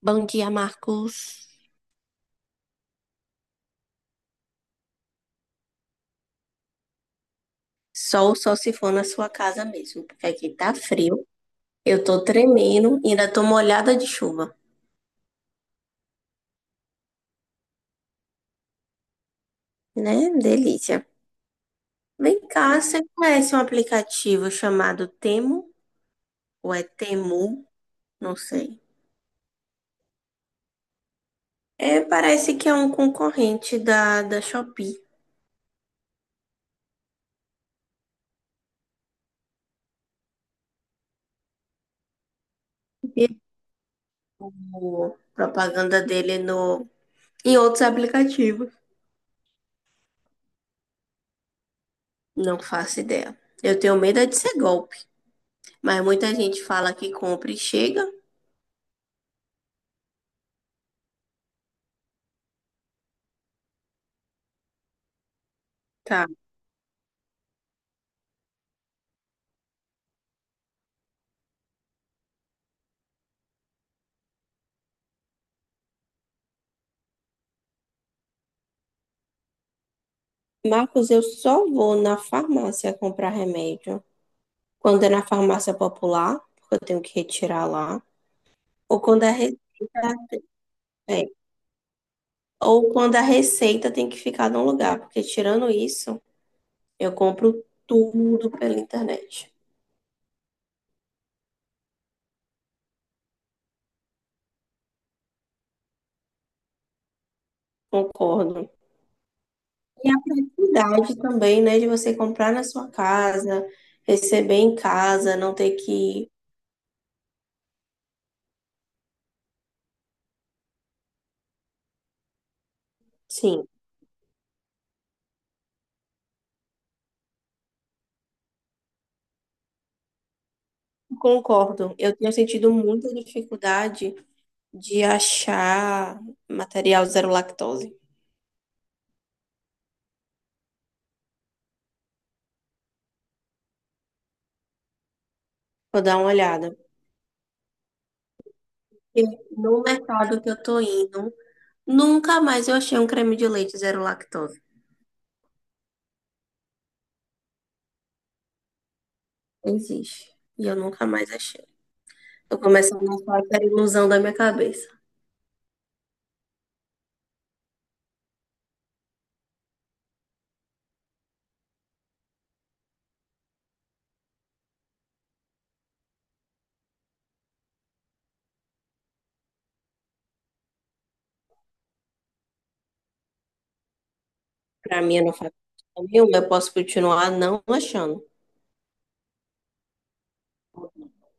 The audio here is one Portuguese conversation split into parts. Bom dia, Marcos. Sol, só se for na sua casa mesmo, porque aqui tá frio. Eu tô tremendo, e ainda tô molhada de chuva, né? Delícia. Vem cá, você conhece um aplicativo chamado Temu? Ou é Temu? Não sei. É, parece que é um concorrente da Shopee. Viu propaganda dele no, em outros aplicativos. Não faço ideia. Eu tenho medo é de ser golpe, mas muita gente fala que compra e chega. Tá. Marcos, eu só vou na farmácia comprar remédio quando é na farmácia popular, porque eu tenho que retirar lá, ou quando a receita é, ou quando a receita tem que ficar num lugar, porque tirando isso, eu compro tudo pela internet. Concordo. E a praticidade também, né, de você comprar na sua casa, receber em casa, não ter que. Sim, concordo. Eu tenho sentido muita dificuldade de achar material zero lactose. Vou dar uma olhada. E no mercado que eu tô indo, nunca mais eu achei um creme de leite zero lactose. Existe. E eu nunca mais achei. Tô começando a achar que era ilusão da minha cabeça. Pra mim, eu não faz parte nenhuma. Eu posso continuar não achando.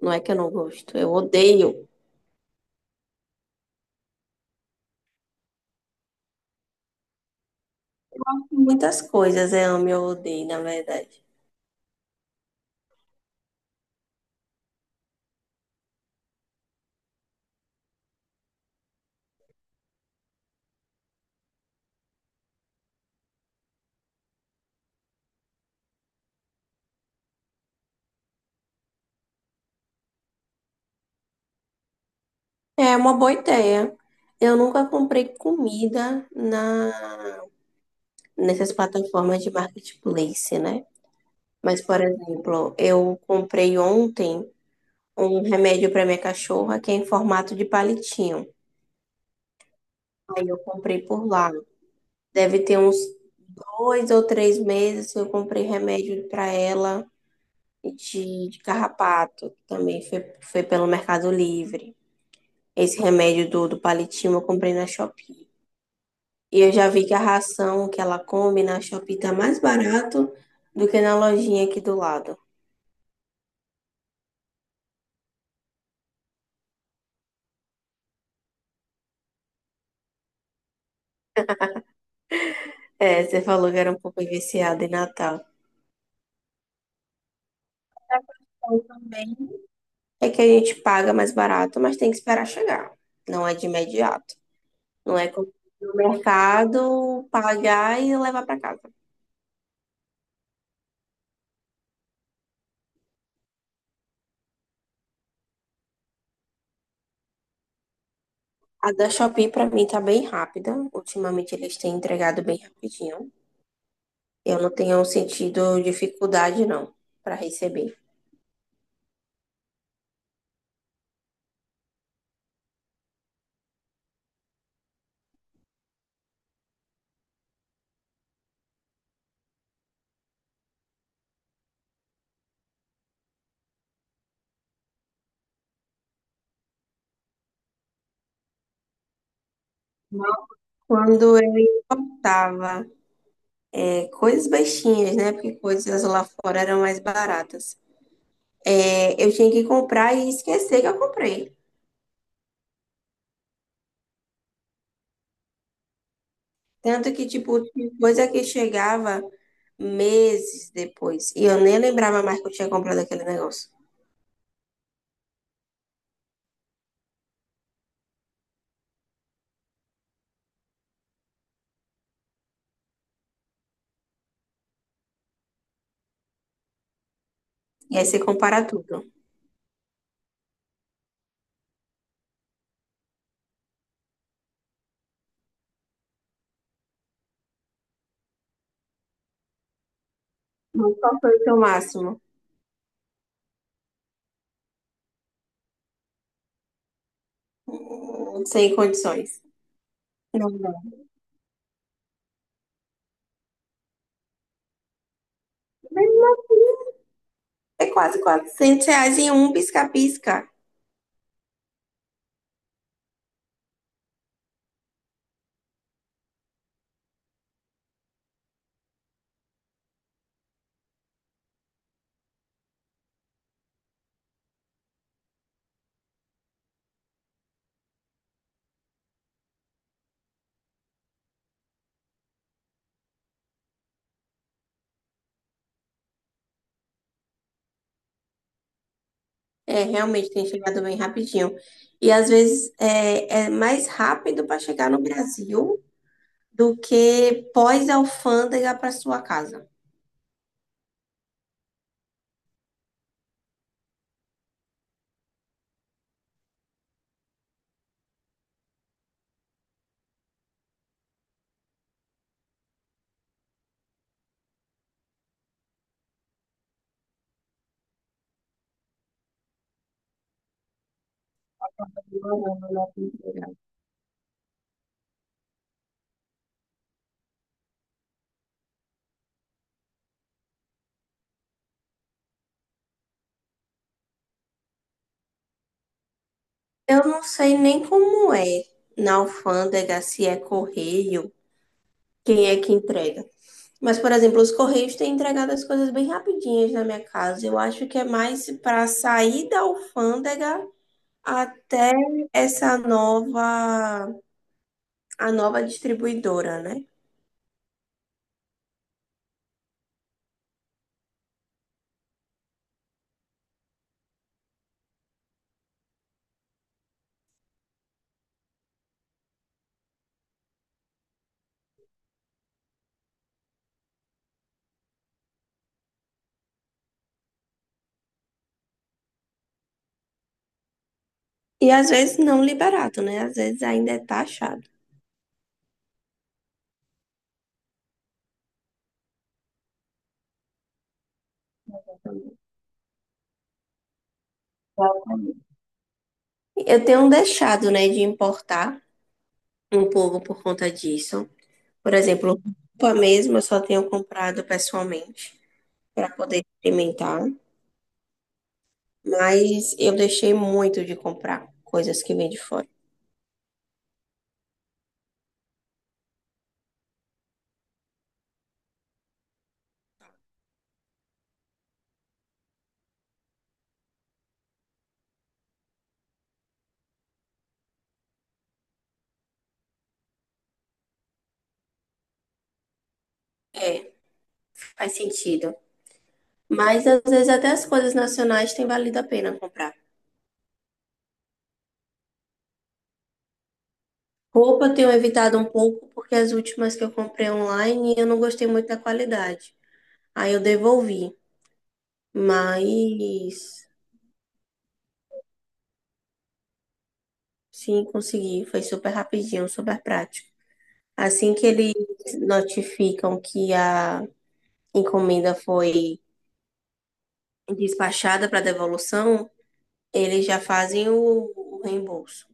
Não é que eu não gosto. Eu odeio. Muitas coisas eu amo e eu odeio, na verdade. É uma boa ideia. Eu nunca comprei comida na nessas plataformas de marketplace, né? Mas, por exemplo, eu comprei ontem um remédio para minha cachorra que é em formato de palitinho. Aí eu comprei por lá. Deve ter uns 2 ou 3 meses que eu comprei remédio para ela de carrapato. Também foi pelo Mercado Livre. Esse remédio do palitinho eu comprei na Shopee. E eu já vi que a ração que ela come na Shopee tá mais barato do que na lojinha aqui do lado. É, você falou que era um pouco viciada em Natal. Eu também. É que a gente paga mais barato, mas tem que esperar chegar. Não é de imediato. Não é como no mercado pagar e levar para casa. A da Shopee para mim tá bem rápida. Ultimamente eles têm entregado bem rapidinho. Eu não tenho sentido dificuldade não para receber. Quando eu tava coisas baixinhas, né? Porque coisas lá fora eram mais baratas. É, eu tinha que comprar e esquecer que eu comprei. Tanto que, tipo, tinha coisa que chegava meses depois. E eu nem lembrava mais que eu tinha comprado aquele negócio. E aí você compara tudo. Mas qual foi o seu máximo? Hum. Sem condições. Não, não. É quase R$ 400 em um pisca-pisca. É, realmente tem chegado bem rapidinho. E às vezes é mais rápido para chegar no Brasil do que pós-alfândega para sua casa. Eu não sei nem como é na alfândega, se é correio, quem é que entrega. Mas, por exemplo, os correios têm entregado as coisas bem rapidinhas na minha casa. Eu acho que é mais para sair da alfândega até essa nova, a nova distribuidora, né? E às vezes não liberado, né? Às vezes ainda é taxado. Eu tenho deixado, né, de importar um pouco por conta disso. Por exemplo, roupa mesmo eu só tenho comprado pessoalmente para poder experimentar, mas eu deixei muito de comprar coisas que vêm de fora. É, faz sentido. Mas às vezes até as coisas nacionais tem valido a pena comprar. Roupa eu tenho evitado um pouco porque as últimas que eu comprei online eu não gostei muito da qualidade. Aí eu devolvi, mas sim, consegui, foi super rapidinho, super prático. Assim que eles notificam que a encomenda foi despachada para devolução, eles já fazem o reembolso.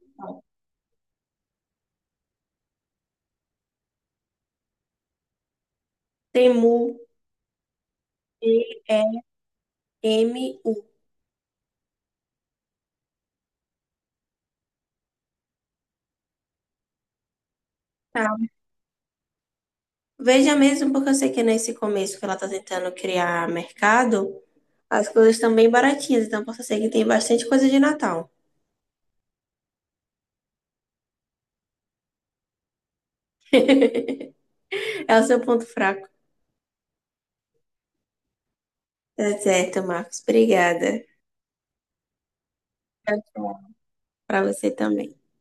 Então, Temu, Temu. Tá? Veja mesmo, porque eu sei que é nesse começo que ela está tentando criar mercado, as coisas estão bem baratinhas, então posso ser que tem bastante coisa de Natal. É o seu ponto fraco. Tá certo, Marcos. Obrigada. Para você também.